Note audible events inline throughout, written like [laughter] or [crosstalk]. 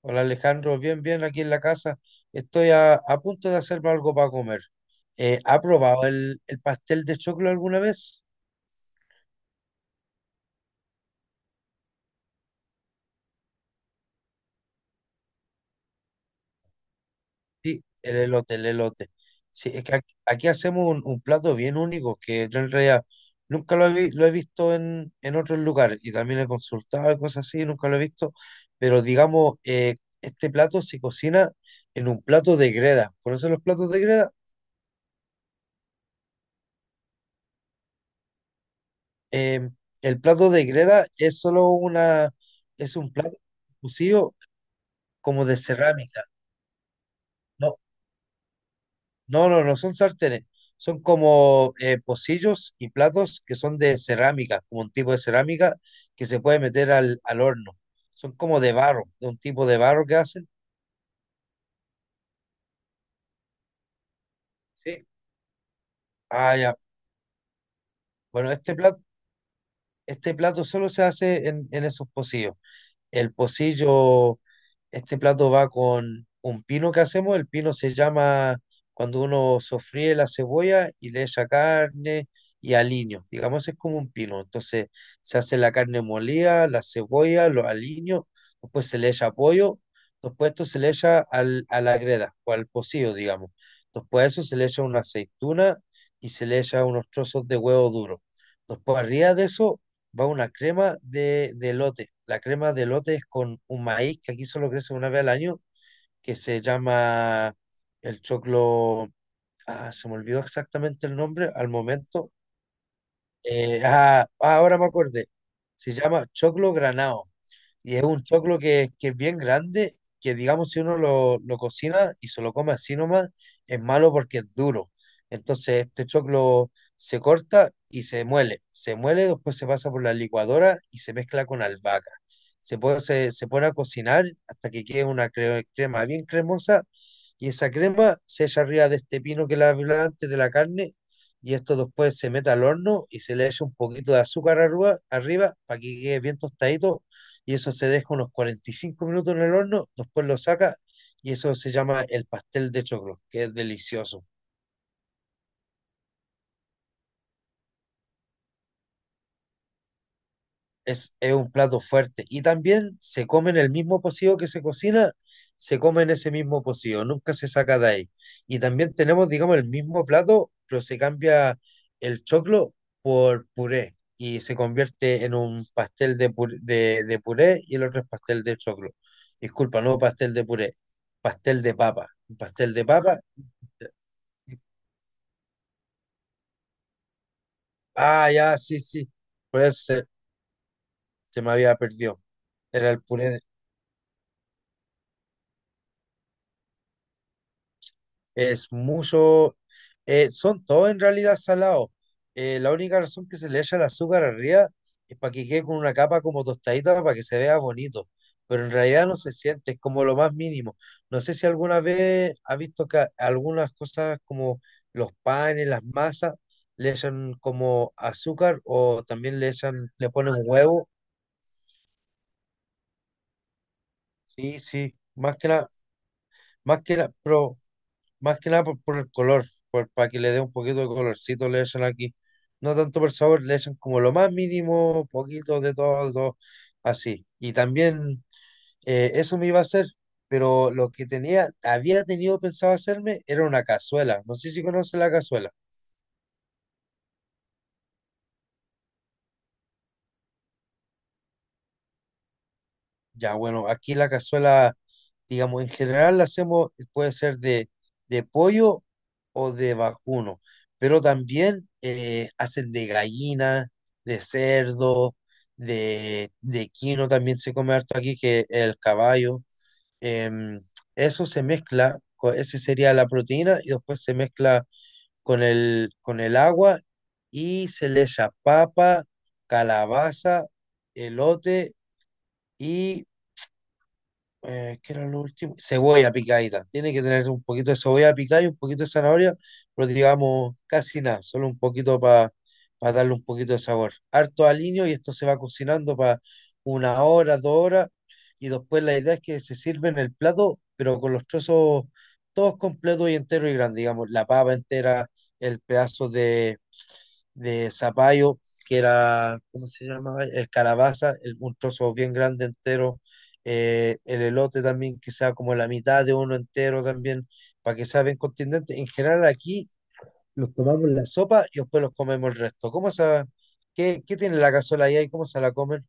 Hola Alejandro, bien, bien aquí en la casa. Estoy a punto de hacerme algo para comer. ¿Ha probado el pastel de choclo alguna vez? Sí, el elote, el elote. Sí, es que aquí hacemos un plato bien único que yo en realidad nunca lo lo he visto en otros lugares y también he consultado y cosas así, nunca lo he visto. Pero digamos, este plato se cocina en un plato de greda. ¿Conocen los platos de greda? Eh, el plato de greda es solo una, es un plato cocido como de cerámica. No, no, no son sartenes. Son como pocillos y platos que son de cerámica, como un tipo de cerámica que se puede meter al horno. Son como de barro, de un tipo de barro que hacen. Sí. Ah, ya. Bueno, este plato solo se hace en esos pocillos. El pocillo, este plato va con un pino que hacemos. El pino se llama cuando uno sofríe la cebolla y le echa carne y aliños. Digamos, es como un pino. Entonces se hace la carne molida, la cebolla, los aliños, después se le echa pollo, después esto se le echa a la greda o al pocillo, digamos. Después de eso se le echa una aceituna y se le echa unos trozos de huevo duro. Después arriba de eso va una crema de elote. La crema de elote es con un maíz que aquí solo crece una vez al año, que se llama el choclo. Ah, se me olvidó exactamente el nombre al momento. Ahora me acordé. Se llama choclo granado. Y es un choclo que es bien grande, que digamos si uno lo cocina y se lo come así nomás, es malo porque es duro. Entonces este choclo se corta y se muele. Se muele, después se pasa por la licuadora y se mezcla con albahaca. Se pone a cocinar hasta que quede una crema bien cremosa y esa crema se echa arriba de este pino que la hablaba antes de la carne y esto después se mete al horno y se le echa un poquito de azúcar arriba, arriba para que quede bien tostadito y eso se deja unos 45 minutos en el horno, después lo saca y eso se llama el pastel de choclo, que es delicioso. Es un plato fuerte y también se come en el mismo pocillo que se cocina, se come en ese mismo pocillo, nunca se saca de ahí. Y también tenemos, digamos, el mismo plato, pero se cambia el choclo por puré y se convierte en un pastel de puré, de puré y el otro es pastel de choclo. Disculpa, no pastel de puré, pastel de papa. Un pastel de papa. Ah, ya, sí, sí. Pues se, se me había perdido. Era el puré de. Es mucho. Son todos en realidad salados. La única razón que se le echa el azúcar arriba es para que quede con una capa como tostadita para que se vea bonito. Pero en realidad no se siente, es como lo más mínimo. No sé si alguna vez has visto que algunas cosas como los panes, las masas, le echan como azúcar o también le echan, le ponen huevo. Sí, sí, más que nada. Más que la, pero más que nada por el color, por, para que le dé un poquito de colorcito, le echan aquí. No tanto por sabor, le echan como lo más mínimo, poquito de todo, todo, así. Y también eso me iba a hacer, pero lo que tenía, había tenido pensado hacerme era una cazuela. No sé si conoce la cazuela. Ya, bueno, aquí la cazuela, digamos, en general la hacemos, puede ser de pollo o de vacuno, pero también hacen de gallina, de cerdo, de quino, también se come harto aquí, que el caballo. em, Eso ese sería la proteína, y después se mezcla con el agua y se le echa papa, calabaza, elote y ¿qué era lo último? Cebolla picadita. Tiene que tener un poquito de cebolla picada y un poquito de zanahoria, pero digamos casi nada, solo un poquito para darle un poquito de sabor. Harto aliño y esto se va cocinando para una hora, 2 horas, y después la idea es que se sirve en el plato, pero con los trozos todos completos y enteros y grandes, digamos, la papa entera, el pedazo de zapallo, que era, ¿cómo se llamaba? El calabaza, el, un trozo bien grande entero, el elote también, que sea como la mitad de uno entero también, para que sea bien contundente. En general aquí los tomamos en la sopa y después los comemos el resto. ¿Qué tiene la cazuela ahí? Y ¿cómo se la comen?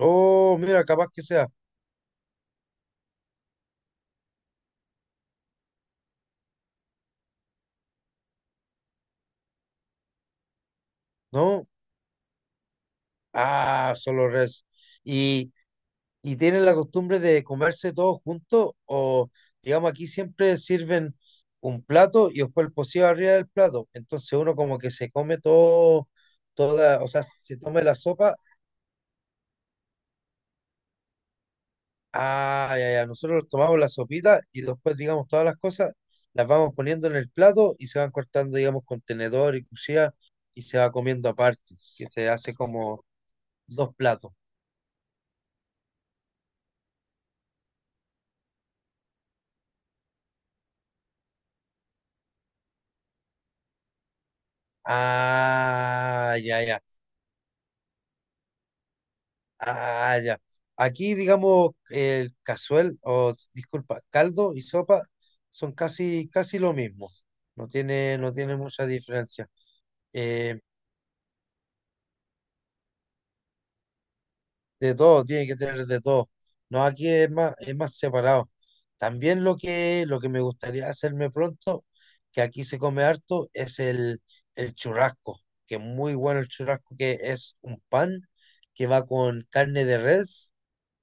Oh, mira, capaz que sea, ¿no? Ah, solo res. ¿Y tienen la costumbre de comerse todos juntos? O, digamos, aquí siempre sirven un plato y después el pocillo arriba del plato. Entonces uno como que se come todo, toda, o sea, se toma la sopa. Ah, ya, ya, nosotros tomamos la sopita y después, digamos, todas las cosas las vamos poniendo en el plato y se van cortando, digamos, con tenedor y cuchilla y se va comiendo aparte, que se hace como dos platos. Ah, ya, ya. Ah, ya. Aquí, digamos, el cazuel, o s- disculpa, caldo y sopa son casi, casi lo mismo. No tiene, no tiene mucha diferencia. Eh, de todo, tiene que tener de todo. No, aquí es más separado. También lo que me gustaría hacerme pronto, que aquí se come harto, es el churrasco, que es muy bueno el churrasco, que es un pan que va con carne de res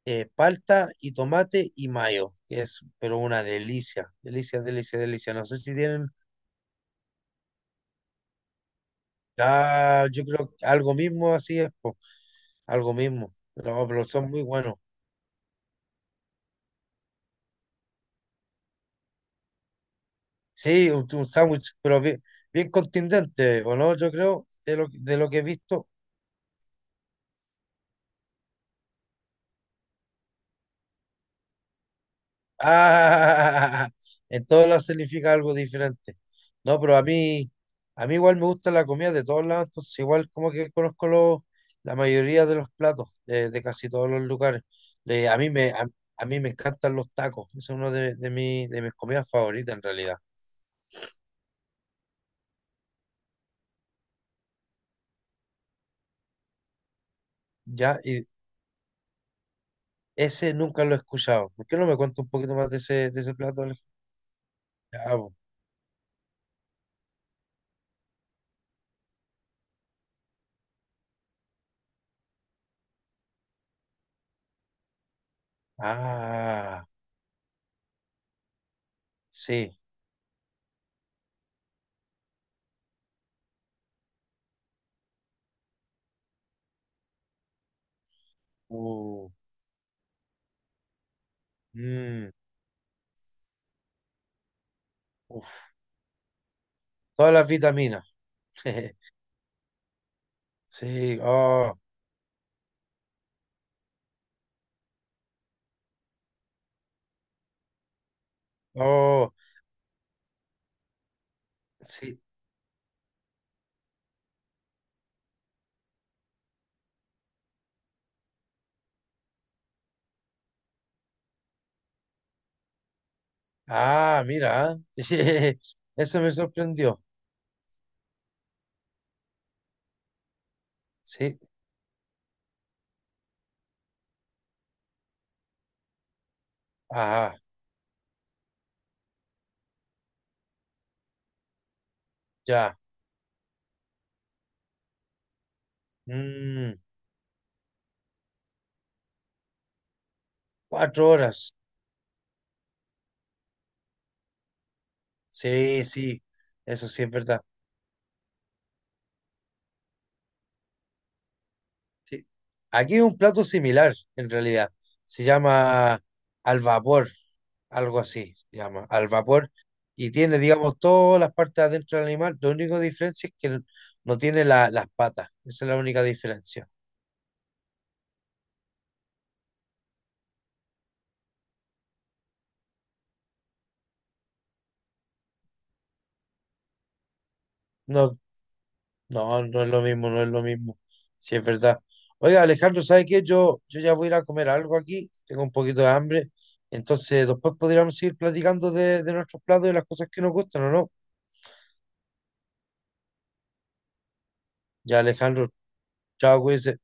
palta y tomate y mayo, que es pero una delicia, delicia, delicia, delicia. No sé si tienen, ah, yo creo que algo mismo así es, po, algo mismo, no, pero son muy buenos. Sí, un sándwich, pero bien, bien contundente, ¿o no? Yo creo, de lo que he visto. Ah, [laughs] en todos lados significa algo diferente. No, pero a mí igual me gusta la comida de todos lados, entonces igual como que conozco la mayoría de los platos de casi todos los lugares. Le- a mí me, a, a mí me encantan los tacos, es uno de mis comidas favoritas en realidad. Ya, y ese nunca lo he escuchado. ¿Por qué no me cuentas un poquito más de ese plato? ¿Alejo? Ya, po. Ah, sí. Uh, mm, uf. Todas las vitaminas. [laughs] Sí, oh, oh, sí. Ah, mira, [laughs] eso me sorprendió. Sí, ah, ya. Mm, 4 horas. Sí, sí, eso sí es verdad. Sí. Aquí hay un plato similar, en realidad. Se llama al vapor, algo así, se llama al vapor. Y tiene, digamos, todas las partes adentro del animal. La única diferencia es que no tiene las patas. Esa es la única diferencia. No. No, no es lo mismo, no es lo mismo. Sí, es verdad. Oiga, Alejandro, ¿sabe qué? Yo ya voy a ir a comer algo aquí, tengo un poquito de hambre, entonces después podríamos seguir platicando de nuestros platos y las cosas que nos gustan, ¿o no? Ya, Alejandro, chao, cuídense.